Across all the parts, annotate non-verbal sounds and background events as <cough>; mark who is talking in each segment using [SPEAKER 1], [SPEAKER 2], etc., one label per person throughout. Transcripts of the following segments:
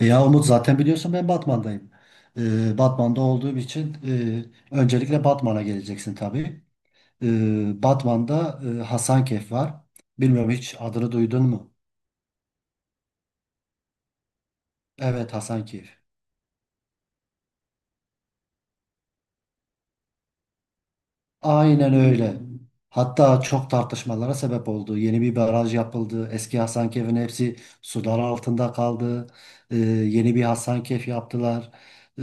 [SPEAKER 1] Ya Umut zaten biliyorsun ben Batman'dayım. Batman'da olduğum için öncelikle Batman'a geleceksin tabii. Batman'da Hasankeyf var. Bilmiyorum hiç adını duydun mu? Evet Hasankeyf. Aynen öyle. Hatta çok tartışmalara sebep oldu. Yeni bir baraj yapıldı. Eski Hasankeyf'in hepsi sular altında kaldı. Yeni bir Hasankeyf yaptılar. Ee,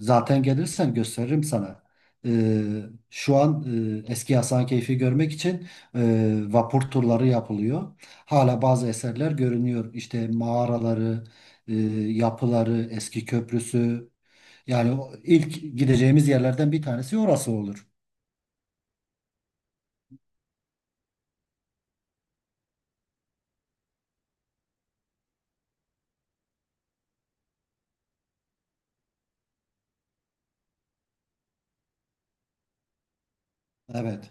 [SPEAKER 1] Zaten gelirsen gösteririm sana. Ee, Şu an eski Hasankeyf'i görmek için vapur turları yapılıyor. Hala bazı eserler görünüyor. İşte mağaraları, e, yapıları, eski köprüsü. Yani o ilk gideceğimiz yerlerden bir tanesi orası olur. Evet.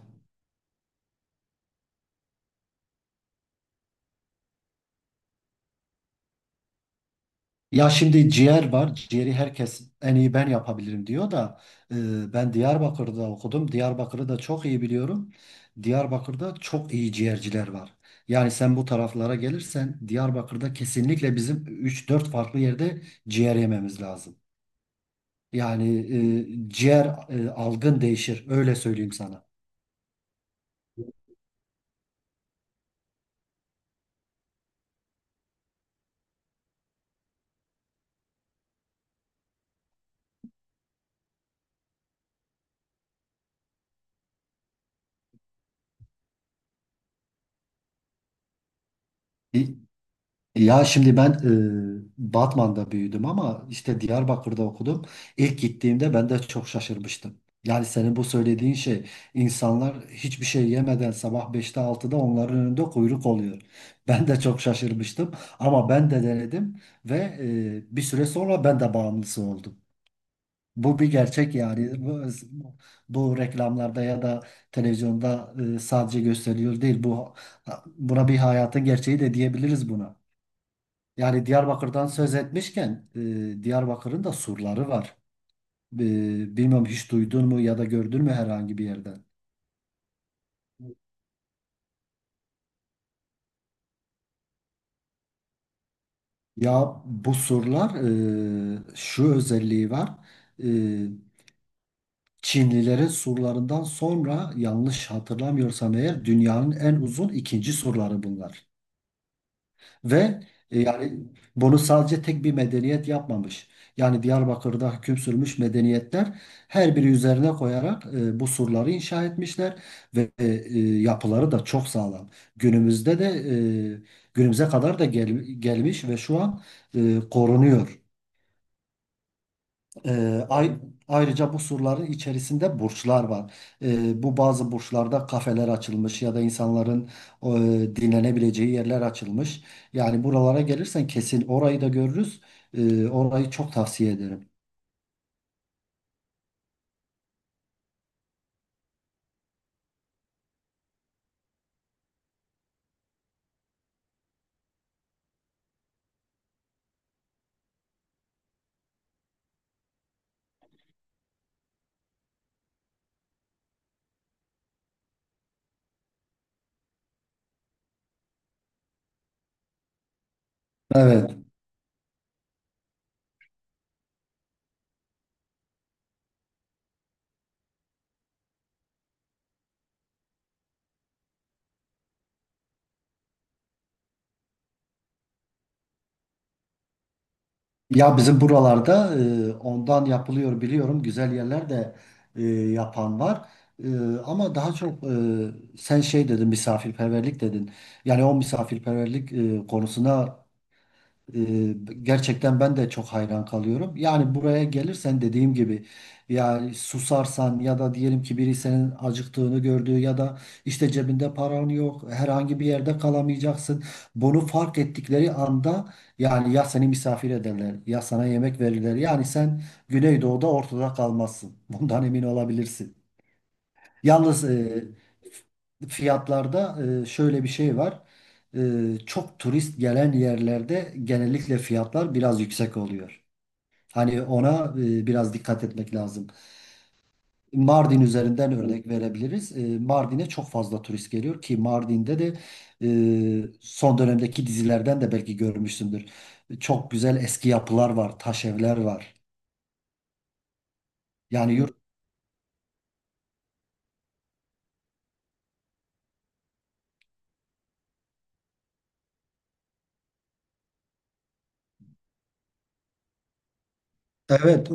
[SPEAKER 1] Ya şimdi ciğer var. Ciğeri herkes en iyi ben yapabilirim diyor da ben Diyarbakır'da okudum. Diyarbakır'ı da çok iyi biliyorum. Diyarbakır'da çok iyi ciğerciler var. Yani sen bu taraflara gelirsen Diyarbakır'da kesinlikle bizim üç dört farklı yerde ciğer yememiz lazım. Yani ciğer algın değişir. Öyle söyleyeyim sana. Ya şimdi ben Batman'da büyüdüm ama işte Diyarbakır'da okudum. İlk gittiğimde ben de çok şaşırmıştım. Yani senin bu söylediğin şey insanlar hiçbir şey yemeden sabah beşte altıda onların önünde kuyruk oluyor. <laughs> Ben de çok şaşırmıştım ama ben de denedim ve bir süre sonra ben de bağımlısı oldum. Bu bir gerçek yani. Bu reklamlarda ya da televizyonda sadece gösteriliyor değil. Bu buna bir hayatın gerçeği de diyebiliriz buna. Yani Diyarbakır'dan söz etmişken Diyarbakır'ın da surları var. E, Bilmiyorum hiç duydun mu ya da gördün mü herhangi bir yerden? Ya bu surlar şu özelliği var. E, Çinlilerin surlarından sonra yanlış hatırlamıyorsam eğer dünyanın en uzun ikinci surları bunlar. Ve yani bunu sadece tek bir medeniyet yapmamış. Yani Diyarbakır'da hüküm sürmüş medeniyetler her biri üzerine koyarak bu surları inşa etmişler ve yapıları da çok sağlam. Günümüzde de günümüze kadar da gelmiş ve şu an korunuyor. Ee, ay- Ayrıca bu surların içerisinde burçlar var. Bu bazı burçlarda kafeler açılmış ya da insanların dinlenebileceği yerler açılmış. Yani buralara gelirsen kesin orayı da görürüz. Orayı çok tavsiye ederim. Evet. Ya bizim buralarda ondan yapılıyor biliyorum. Güzel yerler de e, yapan var. E, Ama daha çok sen şey dedin, misafirperverlik dedin. Yani o misafirperverlik konusuna Ee, gerçekten ben de çok hayran kalıyorum. Yani buraya gelirsen dediğim gibi ya susarsan ya da diyelim ki biri senin acıktığını gördüğü ya da işte cebinde paran yok, herhangi bir yerde kalamayacaksın. Bunu fark ettikleri anda yani ya seni misafir ederler ya sana yemek verirler. Yani sen Güneydoğu'da ortada kalmazsın. Bundan emin olabilirsin. Yalnız fiyatlarda şöyle bir şey var. Çok turist gelen yerlerde genellikle fiyatlar biraz yüksek oluyor. Hani ona biraz dikkat etmek lazım. Mardin üzerinden örnek verebiliriz. Mardin'e çok fazla turist geliyor ki Mardin'de de son dönemdeki dizilerden de belki görmüşsündür. Çok güzel eski yapılar var, taş evler var. Yani yurt. Evet.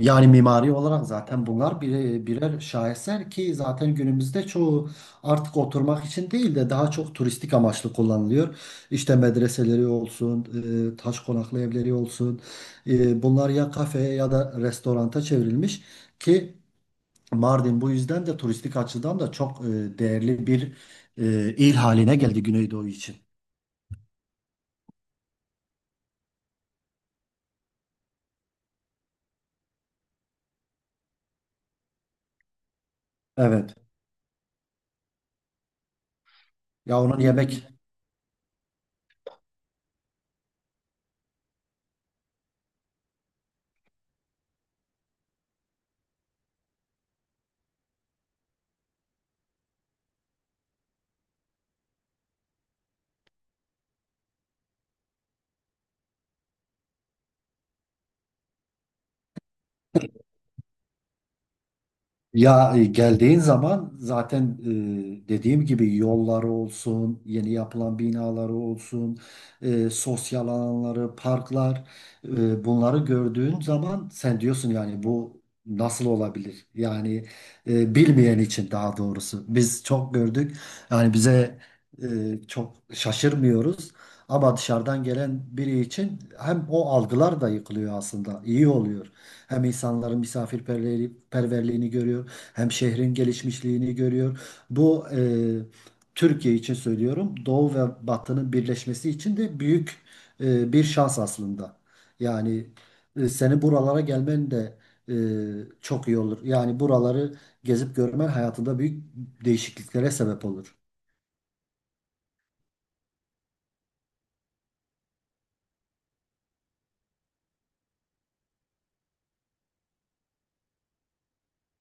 [SPEAKER 1] Yani mimari olarak zaten bunlar birer şaheser ki zaten günümüzde çoğu artık oturmak için değil de daha çok turistik amaçlı kullanılıyor. İşte medreseleri olsun, taş konaklı evleri olsun. E, Bunlar ya kafeye ya da restoranta çevrilmiş ki Mardin bu yüzden de turistik açıdan da çok değerli bir il haline geldi Güneydoğu için. Evet. Ya onun yemek. Ya geldiğin zaman zaten dediğim gibi yolları olsun, yeni yapılan binaları olsun, sosyal alanları, parklar, bunları gördüğün zaman sen diyorsun yani bu nasıl olabilir? Yani bilmeyen için daha doğrusu. Biz çok gördük. Yani bize çok şaşırmıyoruz. Ama dışarıdan gelen biri için hem o algılar da yıkılıyor aslında. İyi oluyor. Hem insanların misafirperverliğini görüyor, hem şehrin gelişmişliğini görüyor. Bu Türkiye için söylüyorum. Doğu ve Batı'nın birleşmesi için de büyük bir şans aslında. Yani senin buralara gelmen de çok iyi olur. Yani buraları gezip görmen hayatında büyük değişikliklere sebep olur.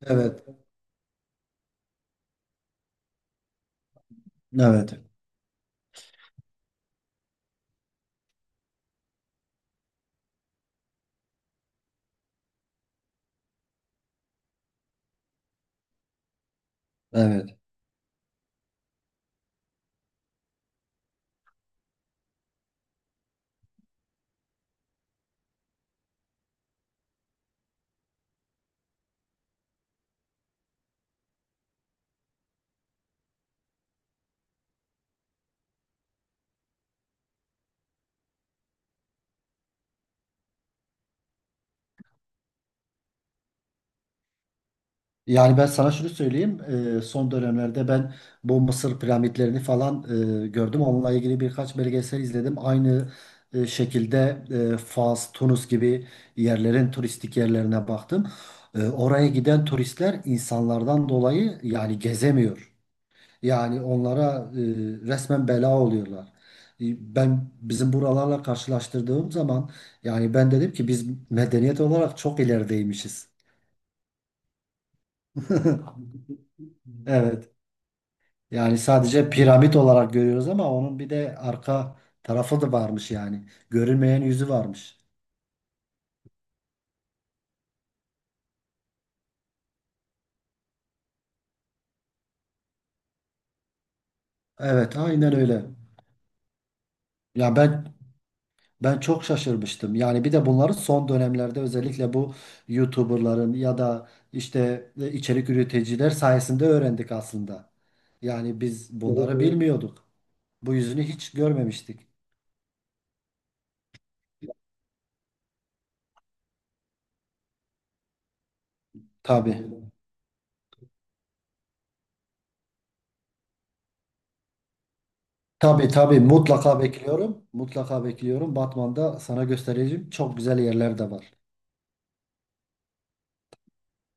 [SPEAKER 1] Evet, evet, evet. Yani ben sana şunu söyleyeyim. Son dönemlerde ben bu Mısır piramitlerini falan gördüm. Onunla ilgili birkaç belgesel izledim. Aynı şekilde Fas, Tunus gibi yerlerin turistik yerlerine baktım. Oraya giden turistler insanlardan dolayı yani gezemiyor. Yani onlara resmen bela oluyorlar. Ben bizim buralarla karşılaştırdığım zaman yani ben dedim ki biz medeniyet olarak çok ilerideymişiz. <laughs> Evet. Yani sadece piramit olarak görüyoruz ama onun bir de arka tarafı da varmış yani. Görünmeyen yüzü varmış. Evet, aynen öyle. Ya ben çok şaşırmıştım. Yani bir de bunları son dönemlerde özellikle bu YouTuber'ların ya da işte içerik üreticiler sayesinde öğrendik aslında. Yani biz, evet, bunları, evet, bilmiyorduk. Bu yüzünü hiç görmemiştik. Tabii. Tabii, tabii, mutlaka bekliyorum. Mutlaka bekliyorum. Batman'da sana göstereceğim. Çok güzel yerler de var.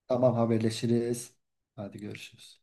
[SPEAKER 1] Tamam, haberleşiriz. Hadi görüşürüz.